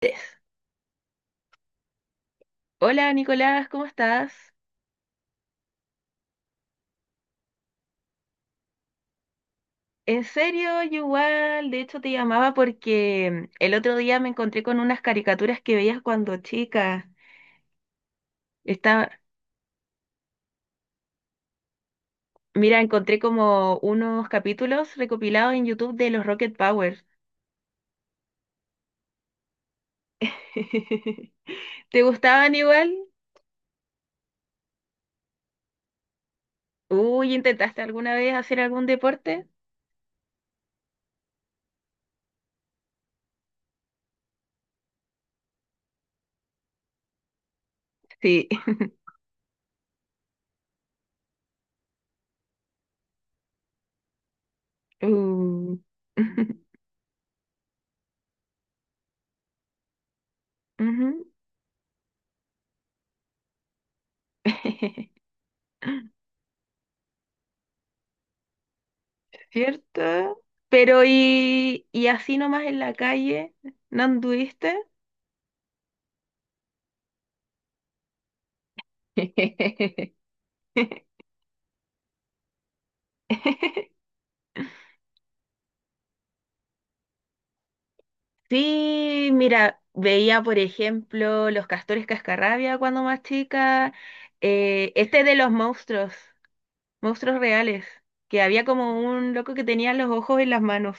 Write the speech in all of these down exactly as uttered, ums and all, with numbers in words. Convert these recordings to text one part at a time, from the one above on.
Tess. Hola Nicolás, ¿cómo estás? En serio, yo igual, de hecho te llamaba porque el otro día me encontré con unas caricaturas que veías cuando chica. Estaba, mira, encontré como unos capítulos recopilados en YouTube de los Rocket Power. ¿Te gustaban igual? Uy, ¿intentaste alguna vez hacer algún deporte? Sí. Uh. Ujú. ¿Cierto? Pero y, y así nomás en la calle, ¿no anduviste? Sí, mira, veía por ejemplo Los Castores Cascarrabia cuando más chica, eh, este de los monstruos, monstruos reales, que había como un loco que tenía los ojos en las manos.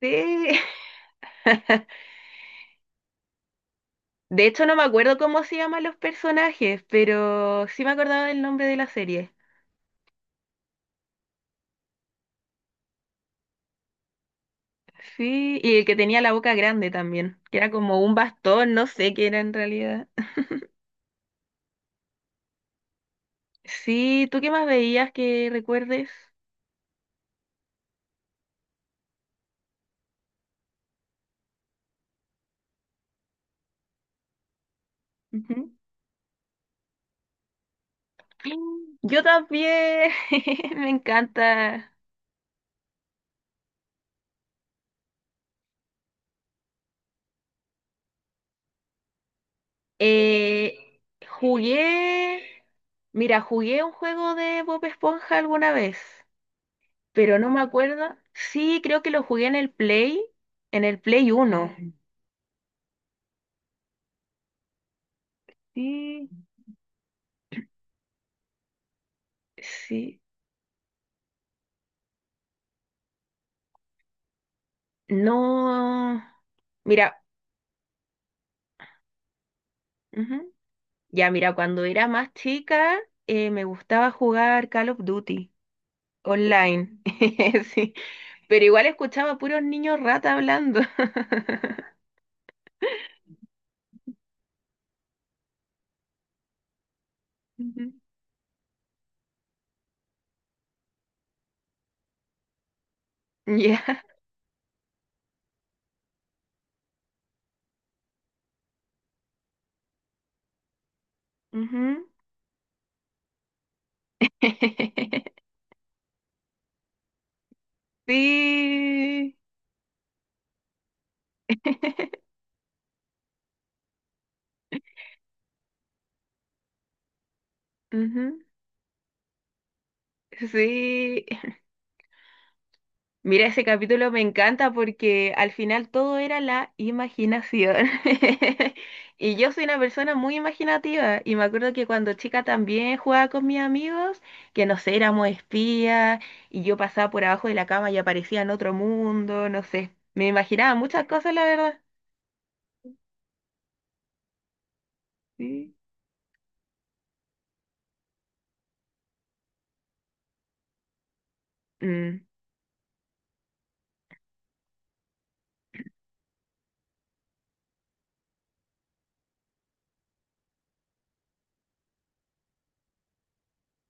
Sí. De hecho no me acuerdo cómo se llaman los personajes, pero sí me acordaba del nombre de la serie. Sí, y el que tenía la boca grande también, que era como un bastón, no sé qué era en realidad. Sí, ¿tú qué más veías que recuerdes? Ujú. Yo también, me encanta. Eh, jugué, mira, jugué un juego de Bob Esponja alguna vez, pero no me acuerdo. Sí, creo que lo jugué en el Play, en el Play uno. Sí, no. Mira, ujú. Ya, mira, cuando era más chica eh, me gustaba jugar Call of Duty online, sí, pero igual escuchaba puros niños rata hablando. Ujú. Ya. Ujú. Sí. Ujú, sí. Mira, ese capítulo me encanta porque al final todo era la imaginación. Y yo soy una persona muy imaginativa y me acuerdo que cuando chica también jugaba con mis amigos, que no sé, éramos espías y yo pasaba por abajo de la cama y aparecía en otro mundo, no sé. Me imaginaba muchas cosas, la verdad. Mm.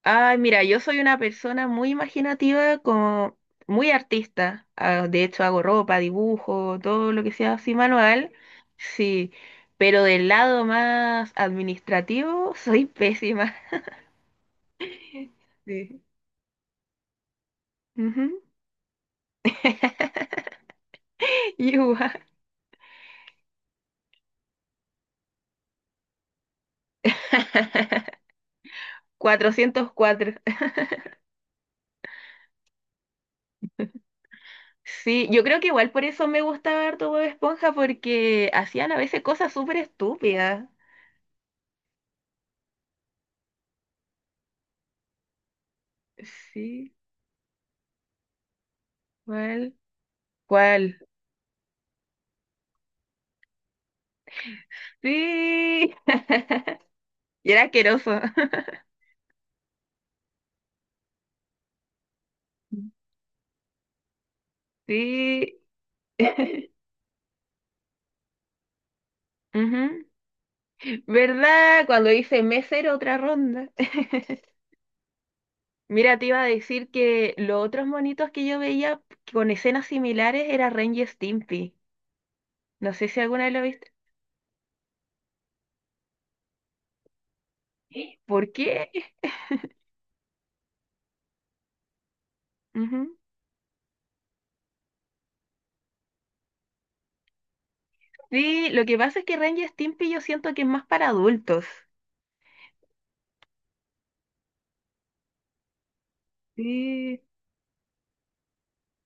Ay, mira, yo soy una persona muy imaginativa, como muy artista. Ah, de hecho, hago ropa, dibujo, todo lo que sea así manual. Sí, pero del lado más administrativo soy pésima. Sí. Ujú. Igual. Cuatrocientos cuatro. Sí, yo creo que igual por eso me gustaba harto Bob Esponja, porque hacían a veces cosas súper estúpidas. Sí, ¿cuál? ¿Cuál? Sí. Y era asqueroso. Sí. Ujú. ¿Verdad? Cuando hice mesero, otra ronda. Mira, te iba a decir que los otros monitos que yo veía con escenas similares era Ren y Stimpy. No sé si alguna vez lo viste. ¿Por qué? Ujú. Sí, lo que pasa es que Ren y Stimpy yo siento que es más para adultos. Sí.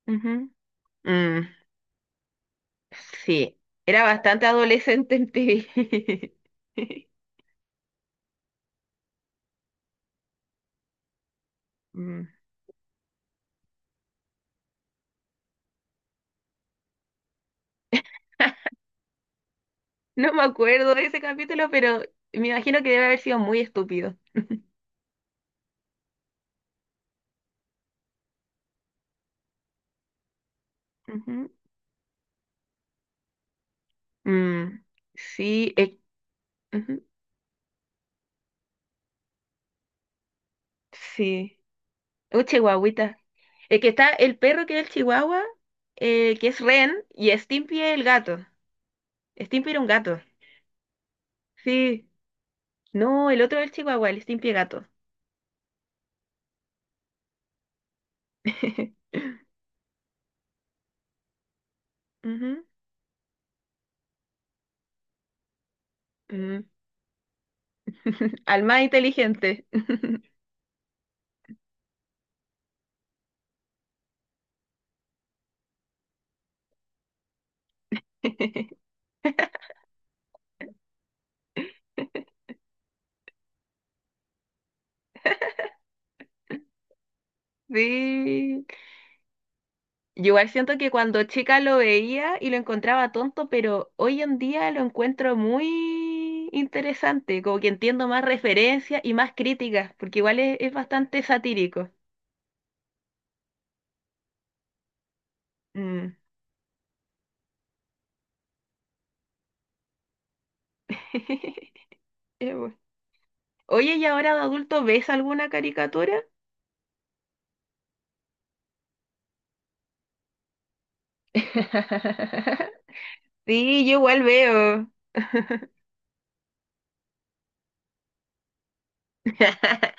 Ujú. Mm, sí, era bastante adolescente en T V. Mm. No me acuerdo de ese capítulo, pero me imagino que debe haber sido muy estúpido. Ujú. Mm, sí, eh, ujú, sí. Un chihuahuita. Es que está el perro que es el chihuahua, eh, que es Ren, y Stimpy es el gato. Stimpy era un gato. Sí. No, el otro es el chihuahua, el Stimpy es gato. Ujú, ujú. Al más inteligente. Sí. Yo igual siento que cuando chica lo veía y lo encontraba tonto, pero hoy en día lo encuentro muy interesante, como que entiendo más referencias y más críticas, porque igual es, es bastante satírico. Mm. Es bueno. Oye, ¿y ahora de adulto ves alguna caricatura? Sí, yo igual veo.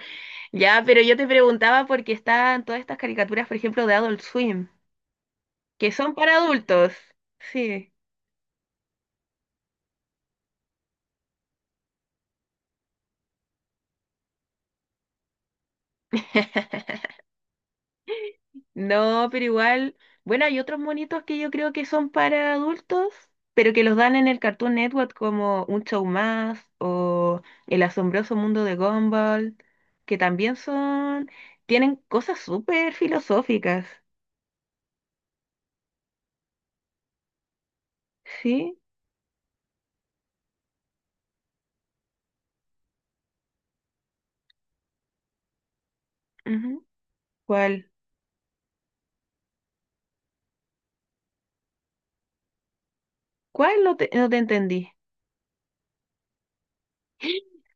Ya, pero yo te preguntaba por qué están todas estas caricaturas, por ejemplo, de Adult Swim, que son para adultos. Sí. No, pero igual, bueno, hay otros monitos que yo creo que son para adultos, pero que los dan en el Cartoon Network como Un Show Más o El Asombroso Mundo de Gumball, que también son, tienen cosas súper filosóficas, ¿sí? Ujú. ¿Cuál? ¿Cuál no te, no te entendí?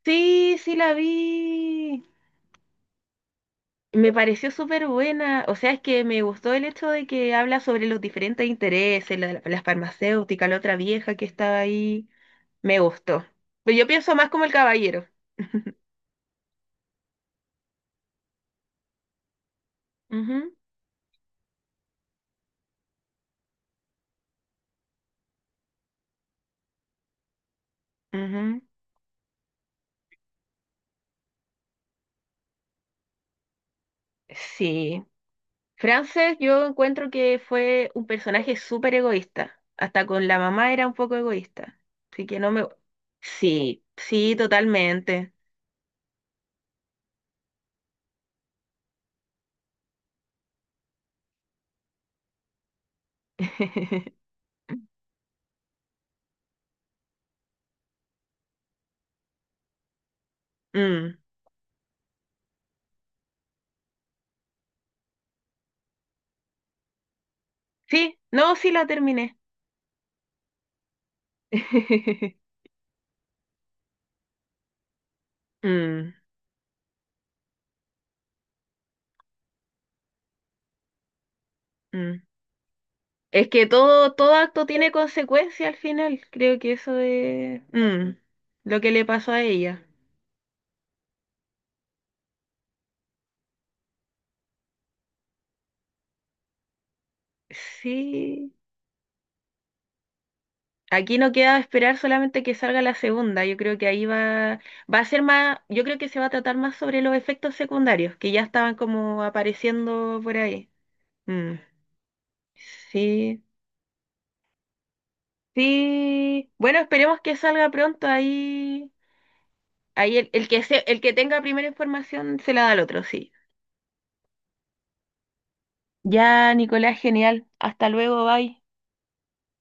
Sí, sí la vi. Me pareció súper buena, o sea, es que me gustó el hecho de que habla sobre los diferentes intereses, la, la farmacéutica, la otra vieja que estaba ahí, me gustó. Pero yo pienso más como el caballero. Ujú, ujú. Sí. Frances, yo encuentro que fue un personaje súper egoísta. Hasta con la mamá era un poco egoísta. Así que no me... Sí, sí, totalmente. Mm. Sí, no, sí la terminé. Mm. Mm. Es que todo, todo acto tiene consecuencia al final. Creo que eso de mm, lo que le pasó a ella. Sí. Aquí no queda esperar solamente que salga la segunda. Yo creo que ahí va, va a ser más, yo creo que se va a tratar más sobre los efectos secundarios que ya estaban como apareciendo por ahí. Mm. Sí, sí. Bueno, esperemos que salga pronto ahí. Ahí el, el que se, el que tenga primera información se la da al otro, sí. Ya, Nicolás, genial. Hasta luego, bye.